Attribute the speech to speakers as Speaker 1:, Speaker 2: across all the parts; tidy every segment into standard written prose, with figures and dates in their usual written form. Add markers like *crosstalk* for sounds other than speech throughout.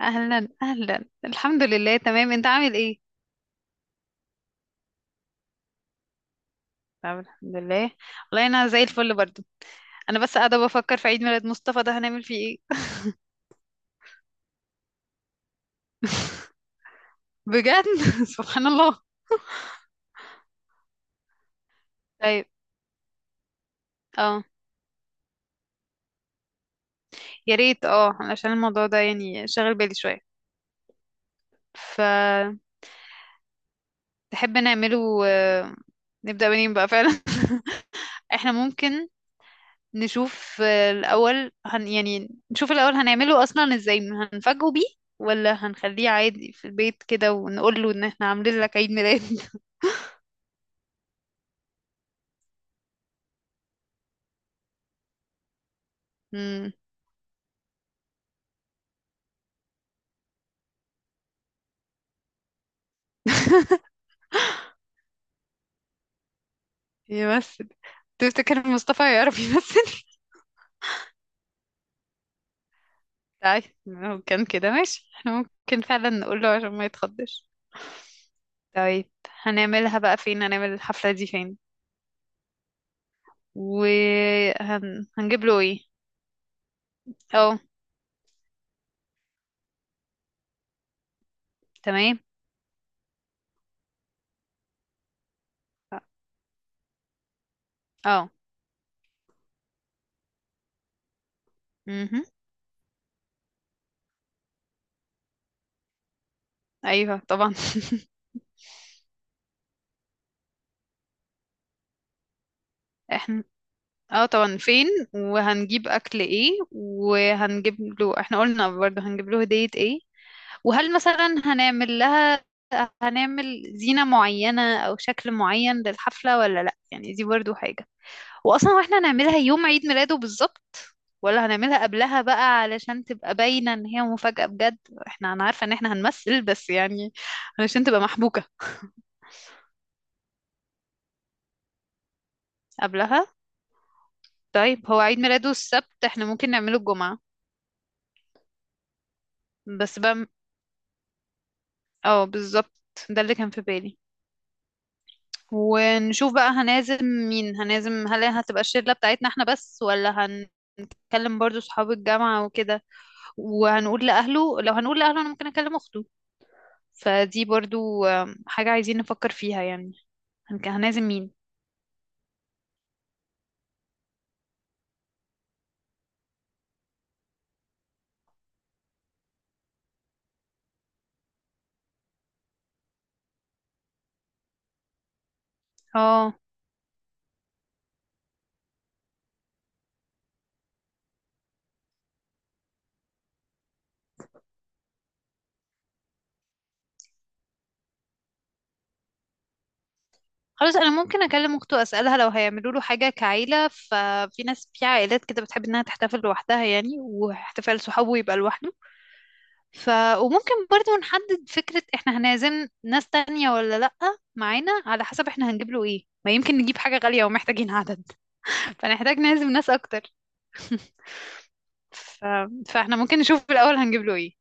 Speaker 1: اهلا اهلا، الحمد لله تمام. انت عامل ايه؟ طب الحمد لله. والله انا زي الفل برضو. انا بس قاعده بفكر في عيد ميلاد مصطفى، ده هنعمل فيه ايه؟ بجد؟ *laughs* سبحان الله. طيب. اه، يا ريت. اه علشان الموضوع ده يعني شاغل بالي شويه. فتحب؟ نعمله نبدا منين بقى فعلا؟ *laughs* احنا ممكن نشوف، الاول يعني نشوف الاول هنعمله اصلا ازاي؟ هنفاجئه بيه، ولا هنخليه عادي في البيت كده ونقول له ان احنا عاملين لك عيد ميلاد؟ امم. يمثل؟ تفتكر مصطفى يعرف يمثل؟ *laughs* طيب، لو كان كده ماشي احنا ممكن فعلا نقول له عشان ما يتخضش. طيب. هنعملها بقى فين؟ هنعمل الحفلة دي فين؟ وهنجيب له ايه؟ اه. تمام. اه. امم. ايوه طبعا. احنا. اه طبعا فين. وهنجيب اكل ايه؟ وهنجيب له، احنا قلنا برضه هنجيب له هدية ايه؟ وهل مثلا هنعمل زينة معينة أو شكل معين للحفلة ولا لأ؟ يعني دي برضو حاجة. وأصلا، واحنا هنعملها يوم عيد ميلاده بالظبط ولا هنعملها قبلها بقى علشان تبقى باينة إن هي مفاجأة بجد؟ أنا عارفة إن احنا هنمثل، بس يعني علشان تبقى محبوكة. قبلها؟ طيب، هو عيد ميلاده السبت، احنا ممكن نعمله الجمعة. بس بقى اه بالظبط، ده اللي كان في بالي. ونشوف بقى هنعزم مين، هل هتبقى الشلة بتاعتنا احنا بس ولا اكلم برضو صحاب الجامعة وكده؟ وهنقول لأهله لو هنقول لأهله، انا ممكن اكلم اخته. فدي برضو حاجة عايزين نفكر فيها يعني. هنعزم مين؟ اه خلاص، انا ممكن اكلم اخته اسالها لو هيعملوا له حاجه كعيله. ففي ناس في عائلات كده بتحب انها تحتفل لوحدها يعني، واحتفال صحابه يبقى لوحده. ف وممكن برضو نحدد فكره، احنا هنعزم ناس تانية ولا لا؟ معانا على حسب احنا هنجيب له ايه، ما يمكن نجيب حاجه غاليه ومحتاجين عدد. *laughs* فنحتاج نعزم ناس اكتر. *laughs* ف... فاحنا ممكن نشوف الأول هنجيب له ايه.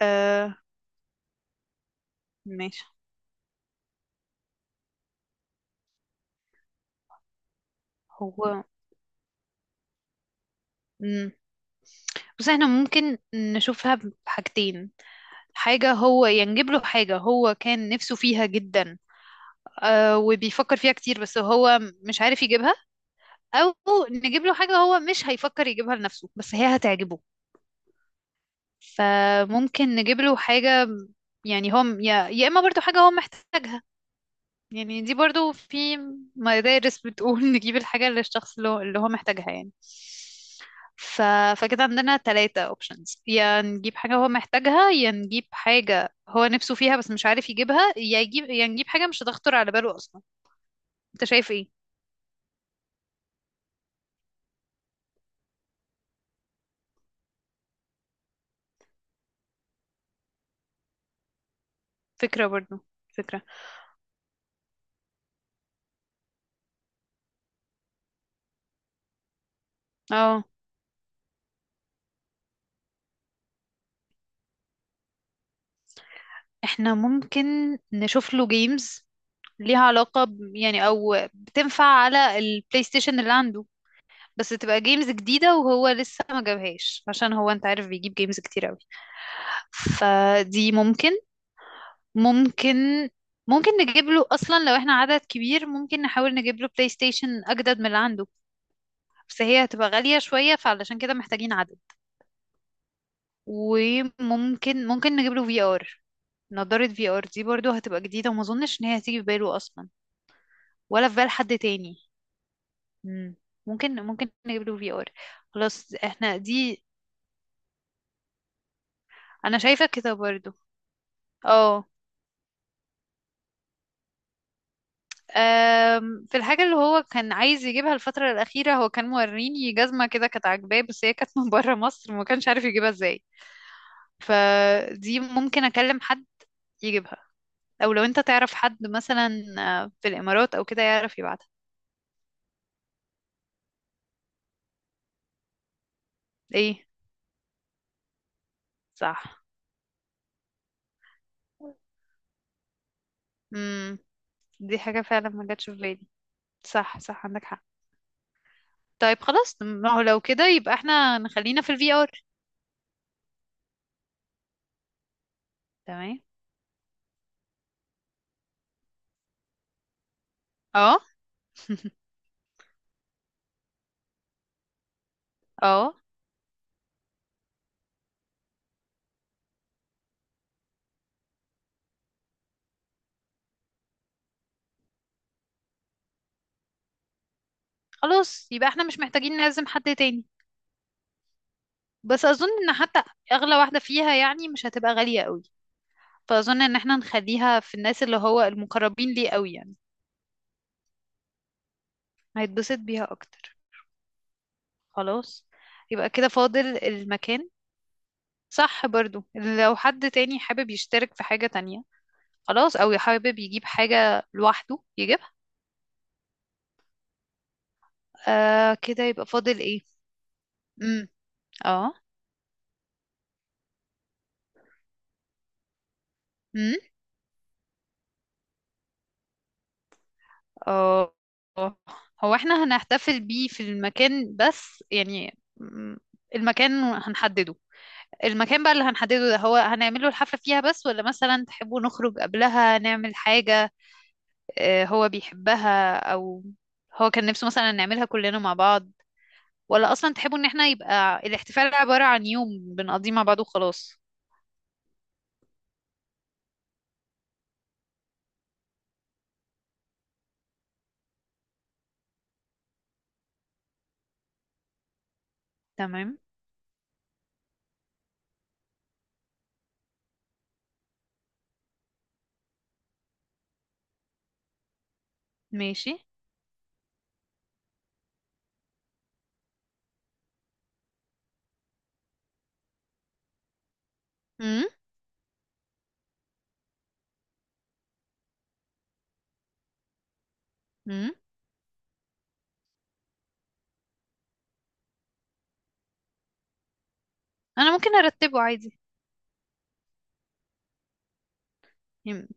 Speaker 1: آه ماشي. هو مم. بس احنا ممكن نشوفها بحاجتين. حاجة، هو ينجيب له حاجة هو كان نفسه فيها جدا آه، وبيفكر فيها كتير، بس هو مش عارف يجيبها. أو نجيب له حاجة هو مش هيفكر يجيبها لنفسه بس هي هتعجبه. فممكن نجيب له حاجة، يعني هو يا إما برضو حاجة هو محتاجها. يعني دي برضو في مدارس بتقول *laughs* نجيب الحاجة اللي الشخص اللي هو محتاجها يعني. ف... فكده عندنا تلاتة اوبشنز، يا نجيب حاجة هو محتاجها، يا نجيب حاجة هو نفسه فيها بس مش عارف يجيبها، يا نجيب حاجة مش هتخطر على باله أصلا. انت شايف ايه؟ فكرة برضو. فكرة. اه. احنا ممكن نشوف له جيمز ليها علاقة يعني، او بتنفع على البلاي ستيشن اللي عنده، بس تبقى جيمز جديدة وهو لسه ما جابهاش، عشان هو انت عارف بيجيب جيمز كتير قوي. فدي ممكن ممكن نجيب له اصلا، لو احنا عدد كبير، ممكن نحاول نجيب له بلاي ستيشن اجدد من اللي عنده. بس هي هتبقى غالية شوية، فعلشان كده محتاجين عدد. وممكن نجيب له في ار، نضارة في ار دي برضو هتبقى جديدة وما اظنش ان هي هتيجي في باله اصلا، ولا في بال حد تاني. مم. ممكن نجيب له في ار. خلاص احنا دي. انا شايفة كده برضو. اه. في الحاجة اللي هو كان عايز يجيبها الفترة الأخيرة، هو كان موريني جزمة كده كانت عاجباه، بس هي كانت *laughs* من بره مصر وما كانش عارف يجيبها ازاي. فدي ممكن أكلم حد يجيبها، أو لو أنت تعرف حد مثلا في الإمارات أو كده يعرف يبعتها. ايه. صح. امم، دي حاجة فعلا ما جاتش في بالي. صح صح، عندك حق. طيب خلاص، ما هو لو كده يبقى احنا نخلينا في الفي ار. تمام. اه. اه. خلاص يبقى احنا مش محتاجين نعزم حد تاني. بس اظن ان حتى اغلى واحده فيها يعني مش هتبقى غاليه قوي. فاظن ان احنا نخليها في الناس اللي هو المقربين ليه قوي، يعني هيتبسط بيها اكتر. خلاص يبقى كده فاضل المكان. صح، برضو لو حد تاني حابب يشترك في حاجه تانية، خلاص، او حابب يجيب حاجه لوحده يجيبها. آه، كده يبقى فاضل ايه؟ امم. اه. امم. اه. آه. هو احنا هنحتفل بيه في المكان بس، يعني المكان هنحدده. المكان بقى اللي هنحدده ده، هو هنعمله الحفلة فيها بس، ولا مثلا تحبوا نخرج قبلها نعمل حاجة هو بيحبها، أو هو كان نفسه مثلا نعملها كلنا مع بعض، ولا أصلا تحبوا إن احنا يبقى الاحتفال عبارة عن يوم بنقضيه مع بعض وخلاص؟ تمام. ماشي. امم. امم. أنا ممكن أرتبه عادي. يم-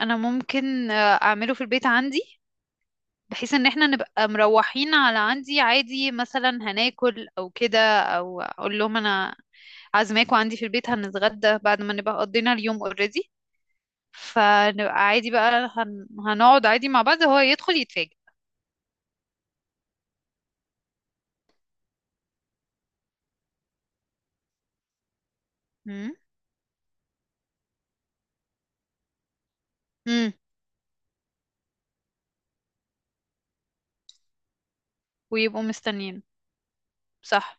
Speaker 1: أنا ممكن أعمله في البيت عندي، بحيث ان احنا نبقى مروحين على عندي عادي مثلا هناكل او كده، او اقول لهم انا عازماكوا عندي في البيت هنتغدى بعد ما نبقى قضينا اليوم اوريدي. فنبقى عادي بقى، هنقعد عادي مع بعض، هو يدخل يتفاجئ. امم. امم. ويبقوا مستنيين. صح.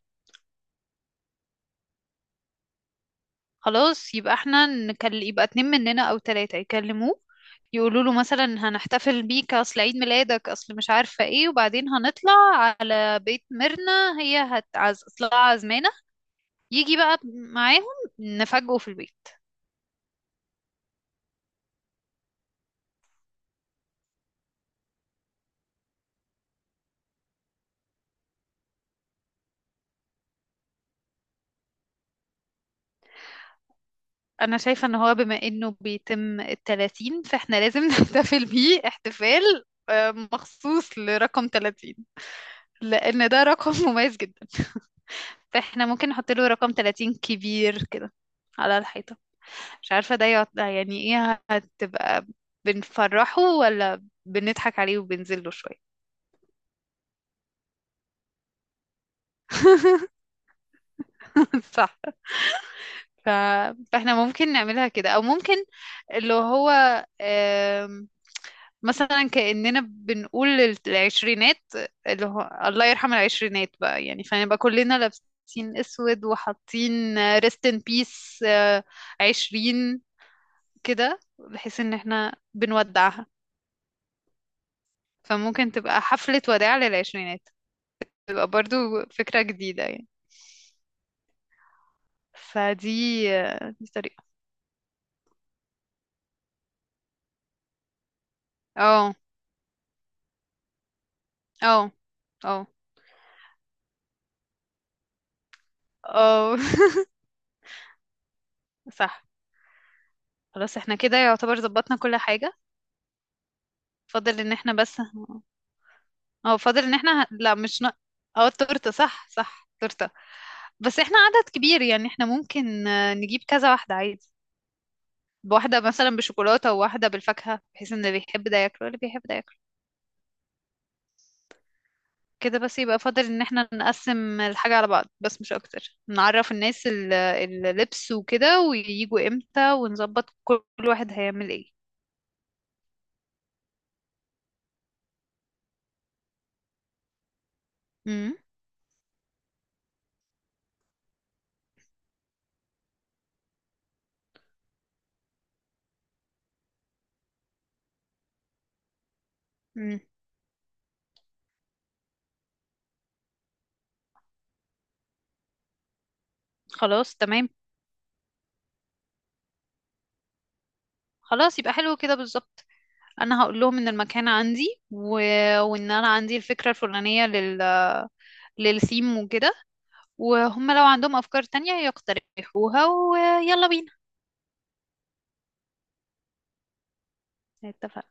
Speaker 1: خلاص يبقى احنا يبقى اتنين مننا او تلاتة يكلموه، يقولوا له مثلا هنحتفل بيك اصل عيد ميلادك، اصل مش عارفة ايه، وبعدين هنطلع على بيت ميرنا هي هتعز اصلها عازمانة، يجي بقى معاهم نفاجئه في البيت. انا شايفة ان هو بما انه بيتم التلاتين، فاحنا لازم *laughs* نحتفل بيه احتفال مخصوص لرقم 30، لان ده رقم مميز جدا. فاحنا ممكن نحط له رقم 30 كبير كده على الحيطة. مش عارفة ده يعني ايه هتبقى، بنفرحه ولا بنضحك عليه وبنزله شوية؟ *laughs* صح. ف... فاحنا ممكن نعملها كده، او ممكن اللي هو مثلا كأننا بنقول العشرينات، اللي هو الله يرحم العشرينات بقى يعني، فنبقى كلنا لابسين اسود وحاطين ريست ان بيس عشرين، كده بحيث ان احنا بنودعها. فممكن تبقى حفلة وداع للعشرينات. تبقى برضو فكرة جديدة يعني. فدي دي طريقة. اه. اه. اه. اه. *laughs* صح. خلاص احنا كده يعتبر ظبطنا كل حاجة. فاضل ان احنا بس. اه فاضل ان احنا لا مش اه التورته، صح صح، تورته. بس احنا عدد كبير يعني، احنا ممكن نجيب كذا واحده عادي، بواحده مثلا بشوكولاته وواحده بالفاكهه، بحيث ان اللي بيحب ده ياكل واللي بيحب ده ياكل. كده بس، يبقى فاضل ان احنا نقسم الحاجه على بعض بس مش اكتر، نعرف الناس اللبس وكده، وييجوا امتى، ونظبط كل واحد هيعمل ايه. امم. امم. خلاص تمام. خلاص يبقى حلو كده بالظبط. انا هقول لهم ان المكان عندي وان انا عندي الفكره الفلانيه للثيم وكده. وهم لو عندهم أفكار تانية يقترحوها، ويلا بينا. اتفقنا.